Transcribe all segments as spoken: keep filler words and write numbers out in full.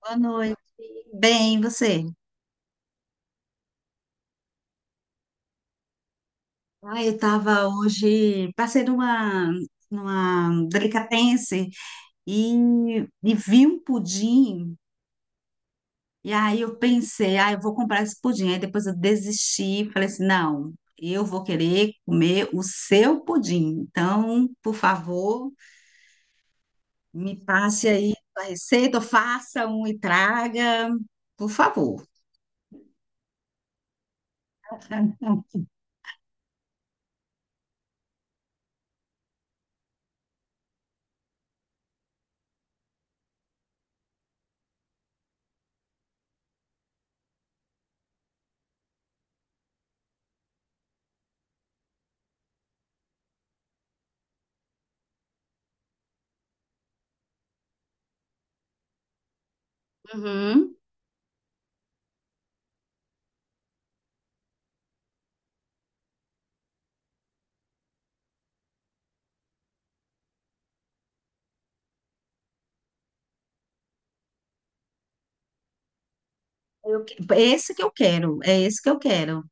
Boa noite. Bem, e você? Ah, eu estava hoje, passei numa, numa delicatessen e, e vi um pudim. E aí eu pensei, ah, eu vou comprar esse pudim. Aí depois eu desisti, falei assim, não, eu vou querer comer o seu pudim. Então, por favor, me passe aí a receita, ou faça um e traga, por favor. Uhum. Eu que- esse que eu quero, é esse que eu quero.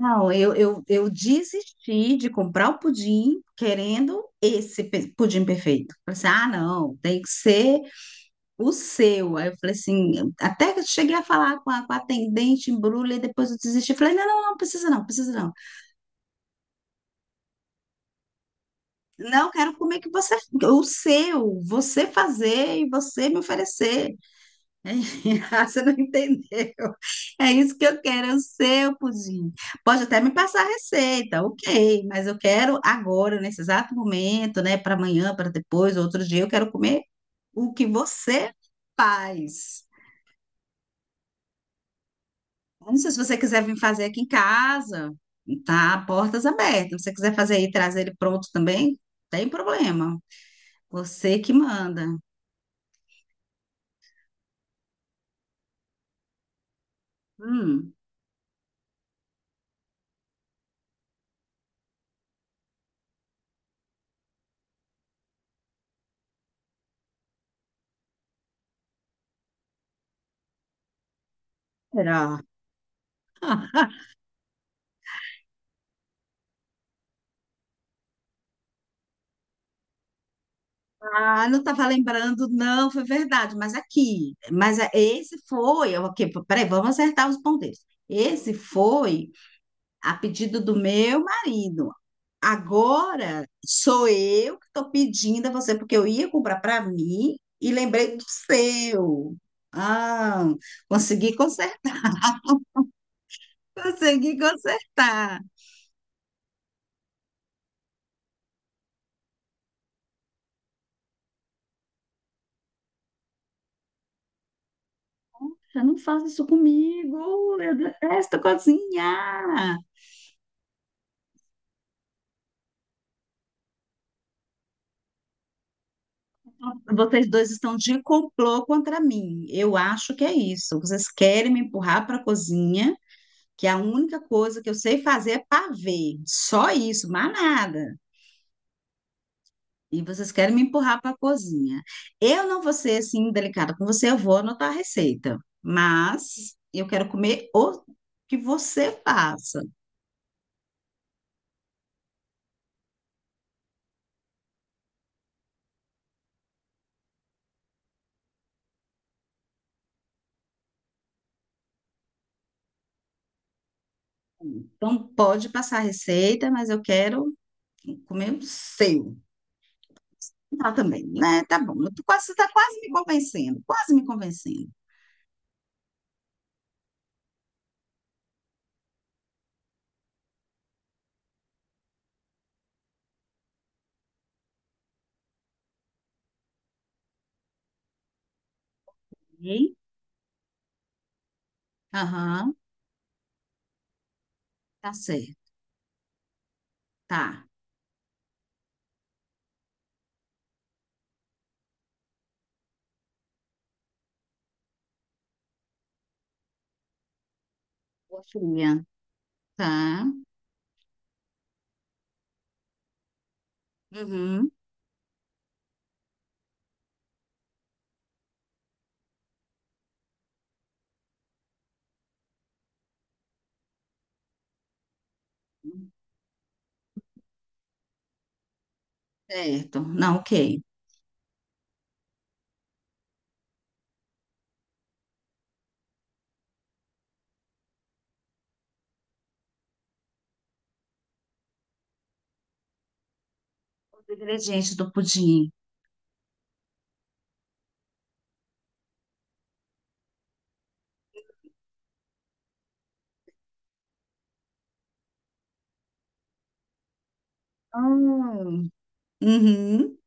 Não, eu, eu, eu desisti de comprar o pudim querendo esse pe- pudim perfeito. Falei assim, ah, não, tem que ser o seu. Aí eu falei assim, até que eu cheguei a falar com a, com a atendente, embrulha, e depois eu desisti. Falei, não, não, não, precisa não, precisa não. Não, quero comer que você, o seu, você fazer e você me oferecer. Ah, você não entendeu. É isso que eu quero, é o seu pudim. Pode até me passar a receita, ok, mas eu quero agora, nesse exato momento, né, para amanhã, para depois, outro dia, eu quero comer o que você faz. Eu não sei se você quiser vir fazer aqui em casa, tá? Portas abertas. Se você quiser fazer aí, e trazer ele pronto também, tem problema. Você que manda. Hum, será? Ah, não estava lembrando, não, foi verdade, mas aqui, mas a- esse foi, eu- ok, peraí, vamos acertar os ponteiros. Esse foi a pedido do meu marido. Agora sou eu que estou pedindo a você, porque eu ia comprar para mim e lembrei do seu. Ah, consegui consertar, consegui consertar. Eu não faço isso comigo, eu detesto cozinhar. Vocês dois estão de complô contra mim. Eu acho que é isso. Vocês querem me empurrar para a cozinha, que a única coisa que eu sei fazer é pavê. Só isso, mais nada. E vocês querem me empurrar para a cozinha. Eu não vou ser assim delicada com você, eu vou anotar a receita. Mas eu quero comer o que você faça. Então pode passar a receita, mas eu quero comer o seu. Ela também, né? Tá bom. Eu tô quase, você tá quase me convencendo, quase me convencendo. Ok? Aham, tá certo, tá. Boa fria, tá. Uhum, certo, não, ok. Os ingredientes do pudim. Hum, Uhum.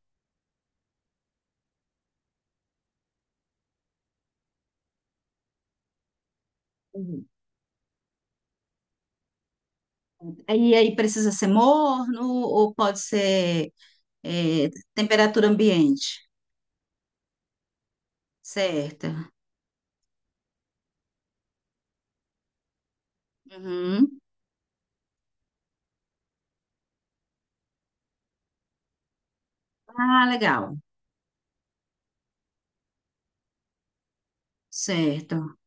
Uhum. E aí precisa ser morno ou pode ser é, temperatura ambiente? Certo. Uhum. Ah, legal. Certo.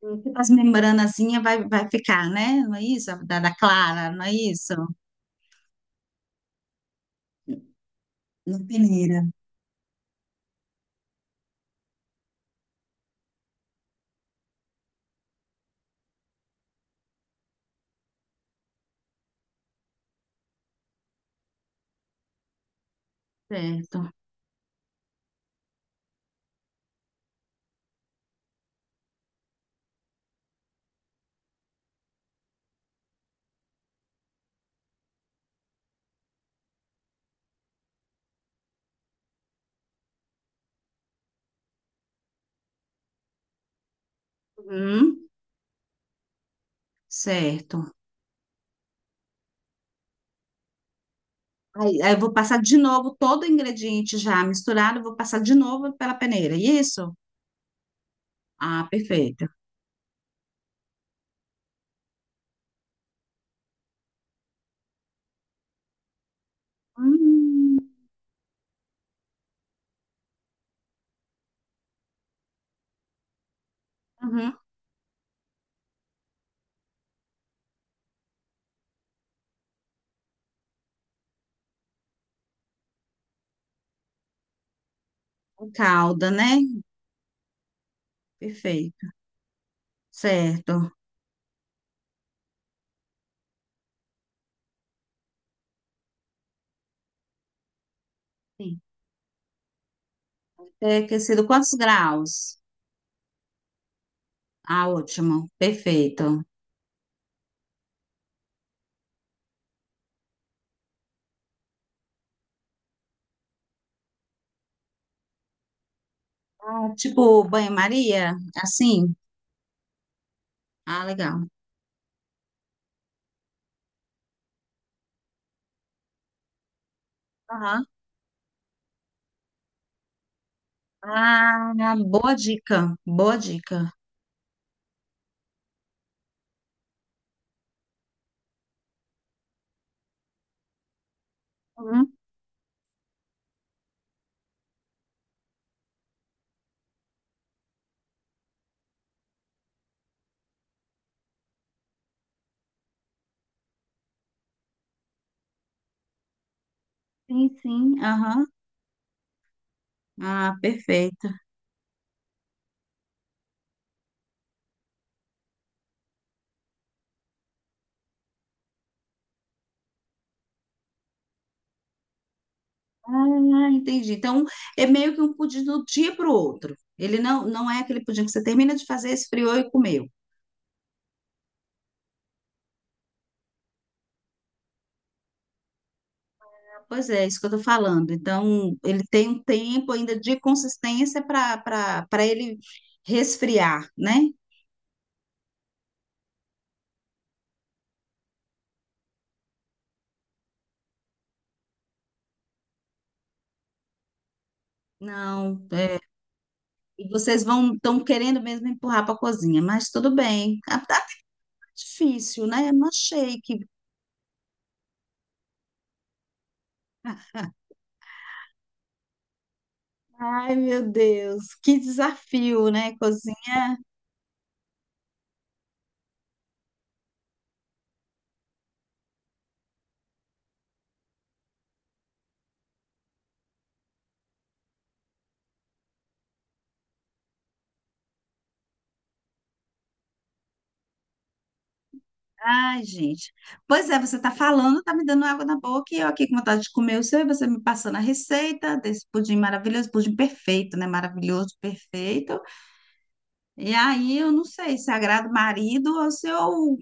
Tipo as membranazinhas vai, vai ficar, né? Não é isso? Da, da clara, não é isso? Na peneira. Certo. Uhum. Certo. Aí, aí eu vou passar de novo todo o ingrediente já misturado, eu vou passar de novo pela peneira. É isso? Ah, perfeito. Hum, uhum. O calda, né? Perfeito. Certo. Sim. Ter aquecido quantos graus? Ah, ótimo. Perfeito. Ah, tipo banho-maria? Assim? Ah, legal. Aham. Ah, boa dica. Boa dica. Uhum. Sim, sim. Aham. Ah, perfeito. Ah, entendi. Então, é meio que um pudim do dia para o outro. Ele não, não é aquele pudim que você termina de fazer, esfriou e comeu. Pois é, isso que eu estou falando. Então, ele tem um tempo ainda de consistência para para para ele resfriar, né? Não, é, e vocês vão estão querendo mesmo empurrar para a cozinha, mas tudo bem. Ah, tá difícil, né? Não achei que. Ai, meu Deus, que desafio, né? Ai, gente. Pois é, você tá falando, tá me dando água na boca e eu aqui com vontade de comer o seu e você me passando a receita desse pudim maravilhoso, pudim perfeito, né? Maravilhoso, perfeito. E aí eu não sei se agrada o marido ou se eu,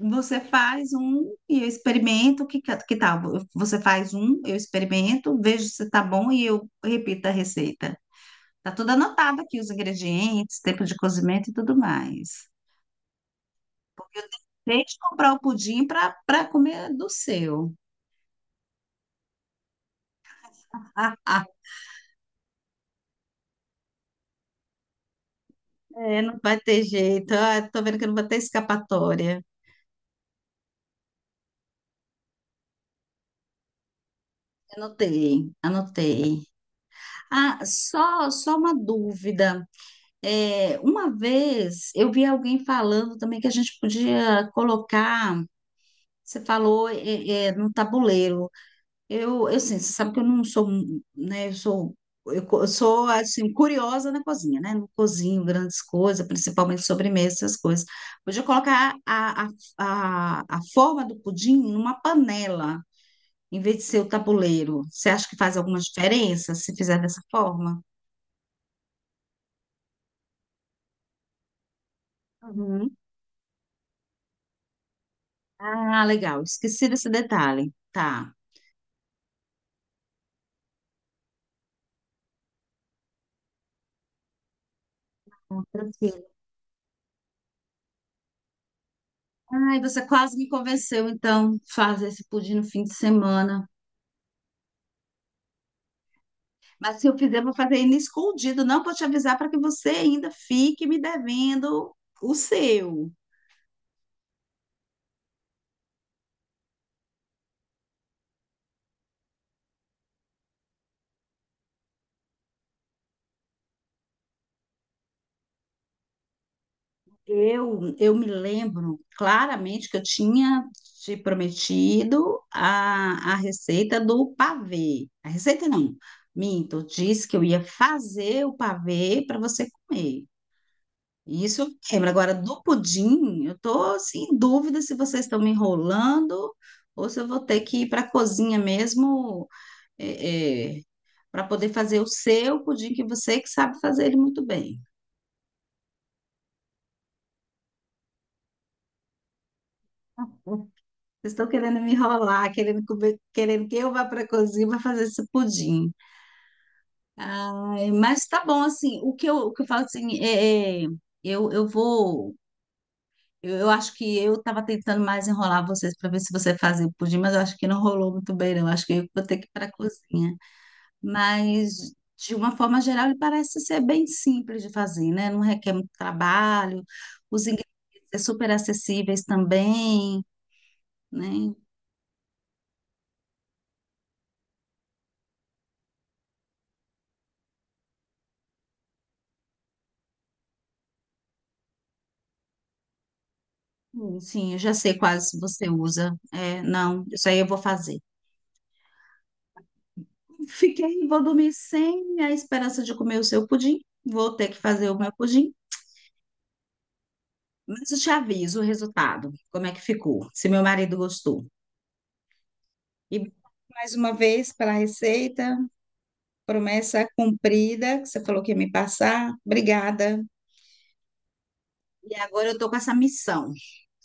você faz um e eu experimento, que, que que tal? Você faz um, eu experimento, vejo se tá bom e eu repito a receita. Tá tudo anotado aqui, os ingredientes, tempo de cozimento e tudo mais. Porque eu tenho que comprar o pudim para para comer do seu. Ah, ah, é, não vai ter jeito. Ah, tô vendo que não vai ter escapatória. Anotei, anotei. Ah, só, só uma dúvida. É, uma vez eu vi alguém falando também que a gente podia colocar, você falou, é, é, no tabuleiro. Eu, eu sim, você sabe que eu não sou, um- né, eu sou, eu co- eu sou, assim, curiosa na cozinha, né, não cozinho grandes coisas, principalmente sobremesa, essas coisas. Podia colocar a, a, a, a forma do pudim numa panela, em vez de ser o tabuleiro. Você acha que faz alguma diferença se fizer dessa forma? Uhum. Ah, legal, esqueci desse detalhe. Tá, tranquilo. Ai, você quase me convenceu, então, fazer esse pudim no fim de semana. Mas se eu fizer, vou fazer ele escondido, não para te avisar para que você ainda fique me devendo o seu. Eu, eu me lembro claramente que eu tinha te prometido a, a receita do pavê. A receita não, minto, eu disse que eu ia fazer o pavê para você comer. E isso eu lembro. Agora, do pudim, eu tô assim, em dúvida se vocês estão me enrolando ou se eu vou ter que ir para a cozinha mesmo para poder fazer o seu pudim, que você que sabe fazer ele muito bem. Vocês estão querendo me enrolar, querendo comer, querendo que eu vá para a cozinha para fazer esse pudim. Ai, mas tá bom, assim, o que eu, o que eu falo assim, é, é, eu, eu vou. Eu, eu acho que eu estava tentando mais enrolar vocês para ver se você fazia o pudim, mas eu acho que não rolou muito bem, não. Eu acho que eu vou ter que ir para a cozinha. Mas, de uma forma geral, ele parece ser bem simples de fazer, né? Não requer muito trabalho, os ingredientes são super acessíveis também, né? Hum, sim, eu já sei quais você usa. É, não, isso aí eu vou fazer. Fiquei, vou dormir sem a esperança de comer o seu pudim. Vou ter que fazer o meu pudim. Mas eu te aviso o resultado, como é que ficou, se meu marido gostou. E mais uma vez pela receita, promessa cumprida, que você falou que ia me passar. Obrigada. E agora eu tô com essa missão,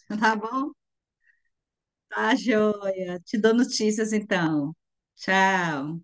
tá bom? Tá, joia. Te dou notícias então. Tchau.